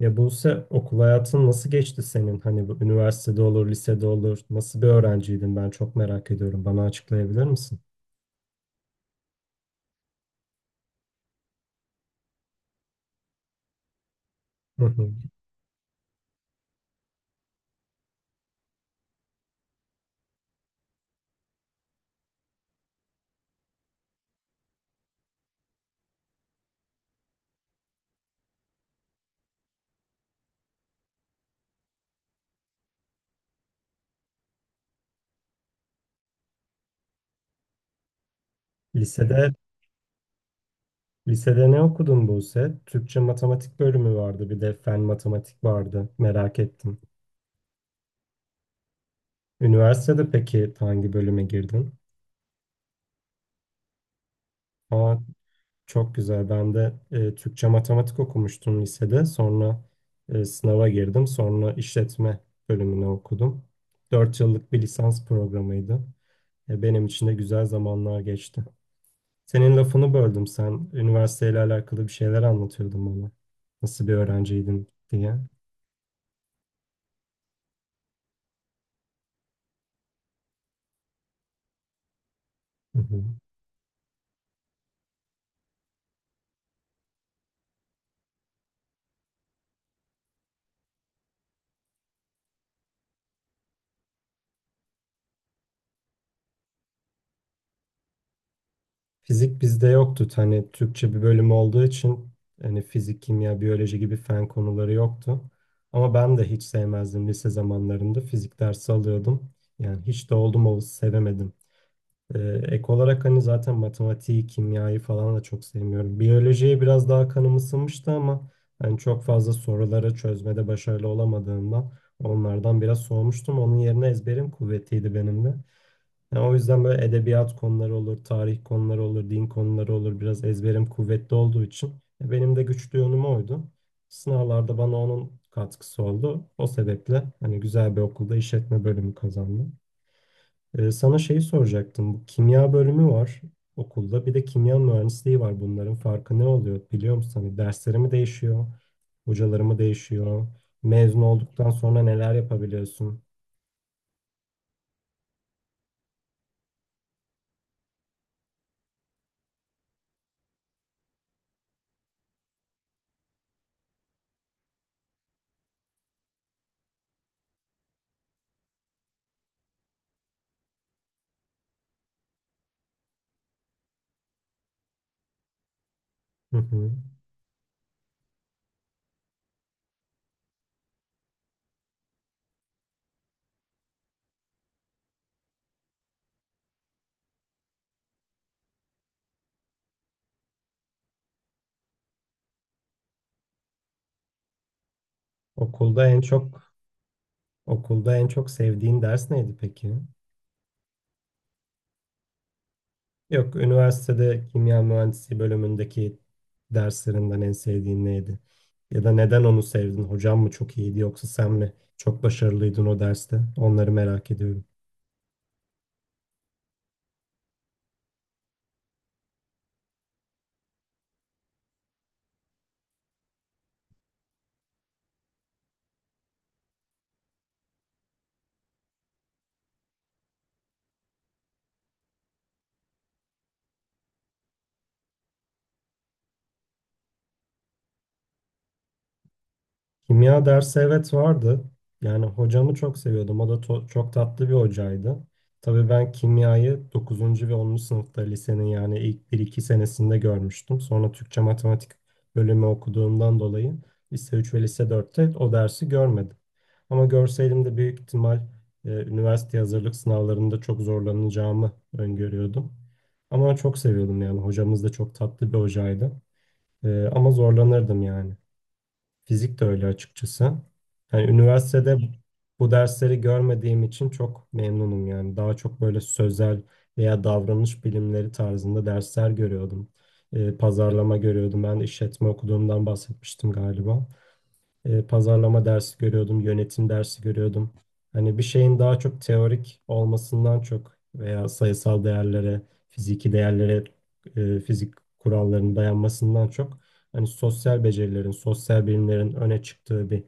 Ya Buse okul hayatın nasıl geçti senin? Hani bu üniversitede olur, lisede olur. Nasıl bir öğrenciydin? Ben çok merak ediyorum. Bana açıklayabilir misin? Hı hı. Lisede lisede ne okudun Buse? Türkçe matematik bölümü vardı, bir de fen matematik vardı. Merak ettim. Üniversitede peki hangi bölüme girdin? Aa, çok güzel. Ben de Türkçe matematik okumuştum lisede. Sonra sınava girdim. Sonra işletme bölümüne okudum. 4 yıllık bir lisans programıydı. Ya benim için de güzel zamanlar geçti. Senin lafını böldüm. Sen üniversiteyle alakalı bir şeyler anlatıyordun bana. Nasıl bir öğrenciydin diye. Hı hı. Fizik bizde yoktu. Hani Türkçe bir bölüm olduğu için hani fizik, kimya, biyoloji gibi fen konuları yoktu. Ama ben de hiç sevmezdim lise zamanlarında. Fizik dersi alıyordum. Yani hiç de oldum olası sevemedim. Ee, Ek olarak hani zaten matematiği, kimyayı falan da çok sevmiyorum. Biyolojiye biraz daha kanım ısınmıştı ama hani çok fazla soruları çözmede başarılı olamadığımdan onlardan biraz soğumuştum. Onun yerine ezberim kuvvetiydi benim de. Yani o yüzden böyle edebiyat konuları olur, tarih konuları olur, din konuları olur. Biraz ezberim kuvvetli olduğu için benim de güçlü yönüm oydu. Sınavlarda bana onun katkısı oldu. O sebeple hani güzel bir okulda işletme bölümü kazandım. Sana şeyi soracaktım. Bu kimya bölümü var okulda. Bir de kimya mühendisliği var. Bunların farkı ne oluyor biliyor musun? Hani dersleri mi değişiyor? Hocaları mı değişiyor? Mezun olduktan sonra neler yapabiliyorsun? Hı hı. Okulda en çok okulda en çok sevdiğin ders neydi peki? Yok, üniversitede kimya mühendisliği bölümündeki derslerinden en sevdiğin neydi? Ya da neden onu sevdin? Hocam mı çok iyiydi yoksa sen mi çok başarılıydın o derste? Onları merak ediyorum. Kimya dersi evet vardı. Yani hocamı çok seviyordum. O da çok tatlı bir hocaydı. Tabii ben kimyayı 9. ve 10. sınıfta lisenin yani ilk bir iki senesinde görmüştüm. Sonra Türkçe matematik bölümü okuduğumdan dolayı lise 3 ve lise 4'te o dersi görmedim. Ama görseydim de büyük ihtimal üniversite hazırlık sınavlarında çok zorlanacağımı öngörüyordum. Ama çok seviyordum yani. Hocamız da çok tatlı bir hocaydı. Ama zorlanırdım yani. Fizik de öyle açıkçası. Hani üniversitede bu dersleri görmediğim için çok memnunum yani. Daha çok böyle sözel veya davranış bilimleri tarzında dersler görüyordum. Pazarlama görüyordum. Ben işletme okuduğumdan bahsetmiştim galiba. Pazarlama dersi görüyordum, yönetim dersi görüyordum. Hani bir şeyin daha çok teorik olmasından çok veya sayısal değerlere, fiziki değerlere, fizik kurallarına dayanmasından çok hani sosyal becerilerin, sosyal bilimlerin öne çıktığı bir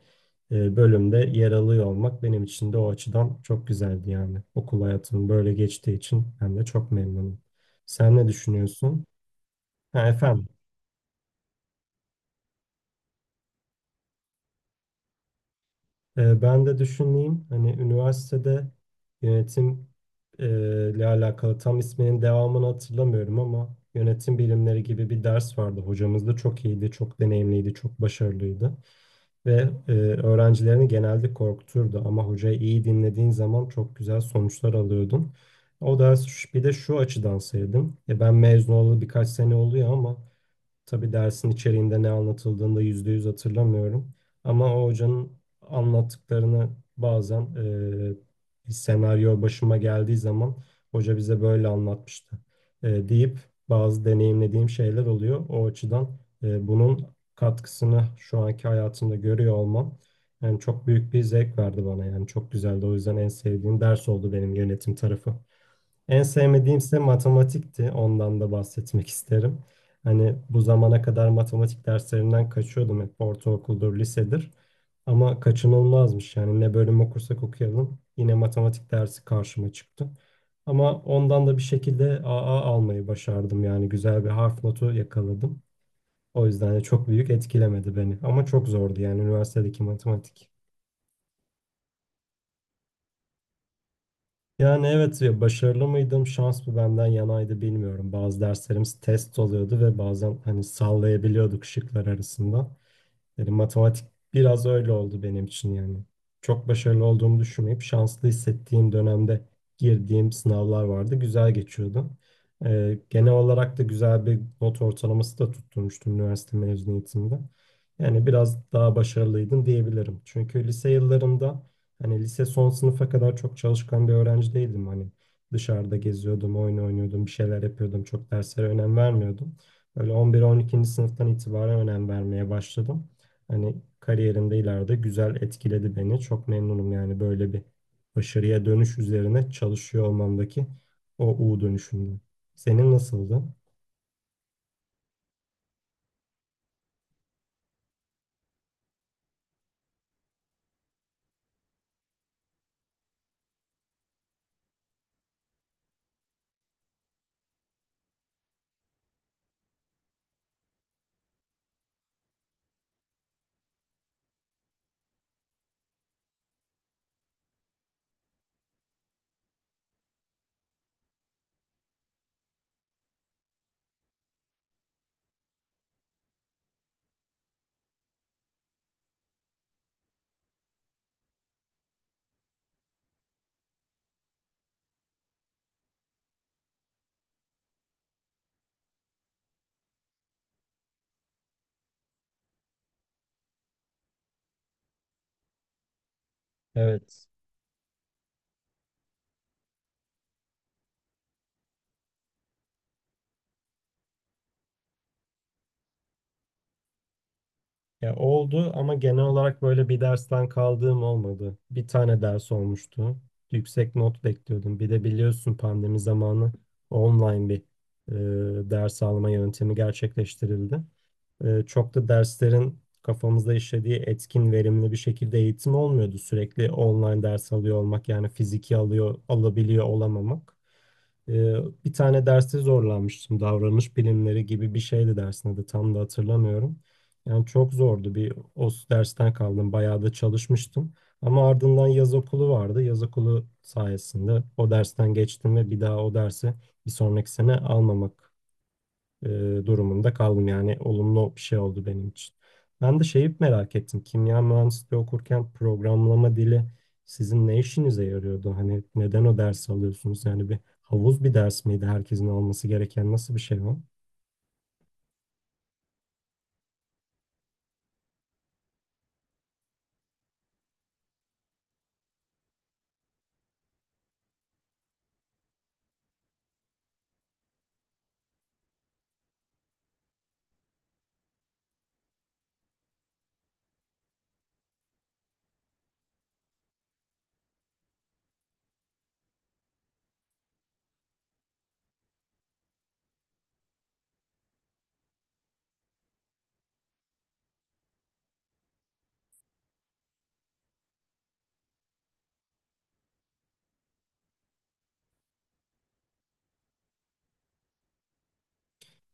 bölümde yer alıyor olmak benim için de o açıdan çok güzeldi yani. Okul hayatım böyle geçtiği için ben de çok memnunum. Sen ne düşünüyorsun? Ha, efendim. Ben de düşüneyim hani üniversitede yönetim e, ile alakalı tam isminin devamını hatırlamıyorum ama yönetim bilimleri gibi bir ders vardı. Hocamız da çok iyiydi, çok deneyimliydi, çok başarılıydı ve öğrencilerini genelde korkuturdu ama hocayı iyi dinlediğin zaman çok güzel sonuçlar alıyordun. O ders bir de şu açıdan sevdim. Ben mezun olalı birkaç sene oluyor ama tabii dersin içeriğinde ne anlatıldığını da %100 hatırlamıyorum. Ama o hocanın anlattıklarını bazen bir senaryo başıma geldiği zaman hoca bize böyle anlatmıştı deyip bazı deneyimlediğim şeyler oluyor. O açıdan bunun katkısını şu anki hayatımda görüyor olmam yani çok büyük bir zevk verdi bana yani çok güzeldi. O yüzden en sevdiğim ders oldu benim yönetim tarafı. En sevmediğimse matematikti. Ondan da bahsetmek isterim. Hani bu zamana kadar matematik derslerinden kaçıyordum hep ortaokuldur, lisedir. Ama kaçınılmazmış yani ne bölüm okursak okuyalım yine matematik dersi karşıma çıktı. Ama ondan da bir şekilde AA almayı başardım yani güzel bir harf notu yakaladım. O yüzden de çok büyük etkilemedi beni ama çok zordu yani üniversitedeki matematik. Yani evet ya başarılı mıydım? Şans mı benden yanaydı bilmiyorum. Bazı derslerimiz test oluyordu ve bazen hani sallayabiliyorduk şıklar arasında. Yani matematik biraz öyle oldu benim için yani. Çok başarılı olduğumu düşünmeyip şanslı hissettiğim dönemde girdiğim sınavlar vardı. Güzel geçiyordu. Genel olarak da güzel bir not ortalaması da tutturmuştum üniversite mezuniyetimde. Yani biraz daha başarılıydım diyebilirim. Çünkü lise yıllarımda hani lise son sınıfa kadar çok çalışkan bir öğrenci değildim. Hani dışarıda geziyordum, oyun oynuyordum, bir şeyler yapıyordum. Çok derslere önem vermiyordum. Böyle 11-12. Sınıftan itibaren önem vermeye başladım. Hani kariyerimde ileride güzel etkiledi beni. Çok memnunum yani böyle bir başarıya dönüş üzerine çalışıyor olmamdaki o U dönüşümden. Senin nasıldı? Evet. Ya oldu ama genel olarak böyle bir dersten kaldığım olmadı. Bir tane ders olmuştu. Yüksek not bekliyordum. Bir de biliyorsun pandemi zamanı online bir ders alma yöntemi gerçekleştirildi. Çok da derslerin kafamızda işlediği etkin, verimli bir şekilde eğitim olmuyordu. Sürekli online ders alıyor olmak yani fiziki alıyor, alabiliyor olamamak. E, Bir tane derste zorlanmıştım. Davranış bilimleri gibi bir şeydi dersin adı. Tam da hatırlamıyorum. Yani çok zordu. Bir o dersten kaldım. Bayağı da çalışmıştım. Ama ardından yaz okulu vardı. Yaz okulu sayesinde o dersten geçtim ve bir daha o dersi bir sonraki sene almamak e, durumunda kaldım. Yani olumlu bir şey oldu benim için. Ben de şeyi merak ettim. Kimya mühendisliği okurken programlama dili sizin ne işinize yarıyordu? Hani neden o dersi alıyorsunuz? Yani bir havuz bir ders miydi herkesin alması gereken nasıl bir şey o?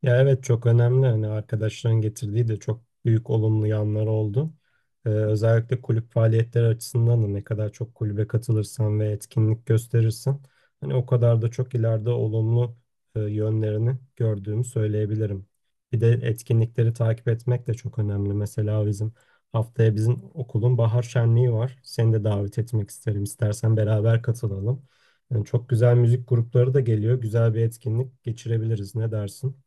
Ya evet çok önemli. Hani arkadaşların getirdiği de çok büyük olumlu yanları oldu. Özellikle kulüp faaliyetleri açısından da ne kadar çok kulübe katılırsan ve etkinlik gösterirsen hani o kadar da çok ileride olumlu yönlerini gördüğümü söyleyebilirim. Bir de etkinlikleri takip etmek de çok önemli. Mesela bizim haftaya bizim okulun bahar şenliği var. Seni de davet etmek isterim. İstersen beraber katılalım. Yani çok güzel müzik grupları da geliyor. Güzel bir etkinlik geçirebiliriz. Ne dersin?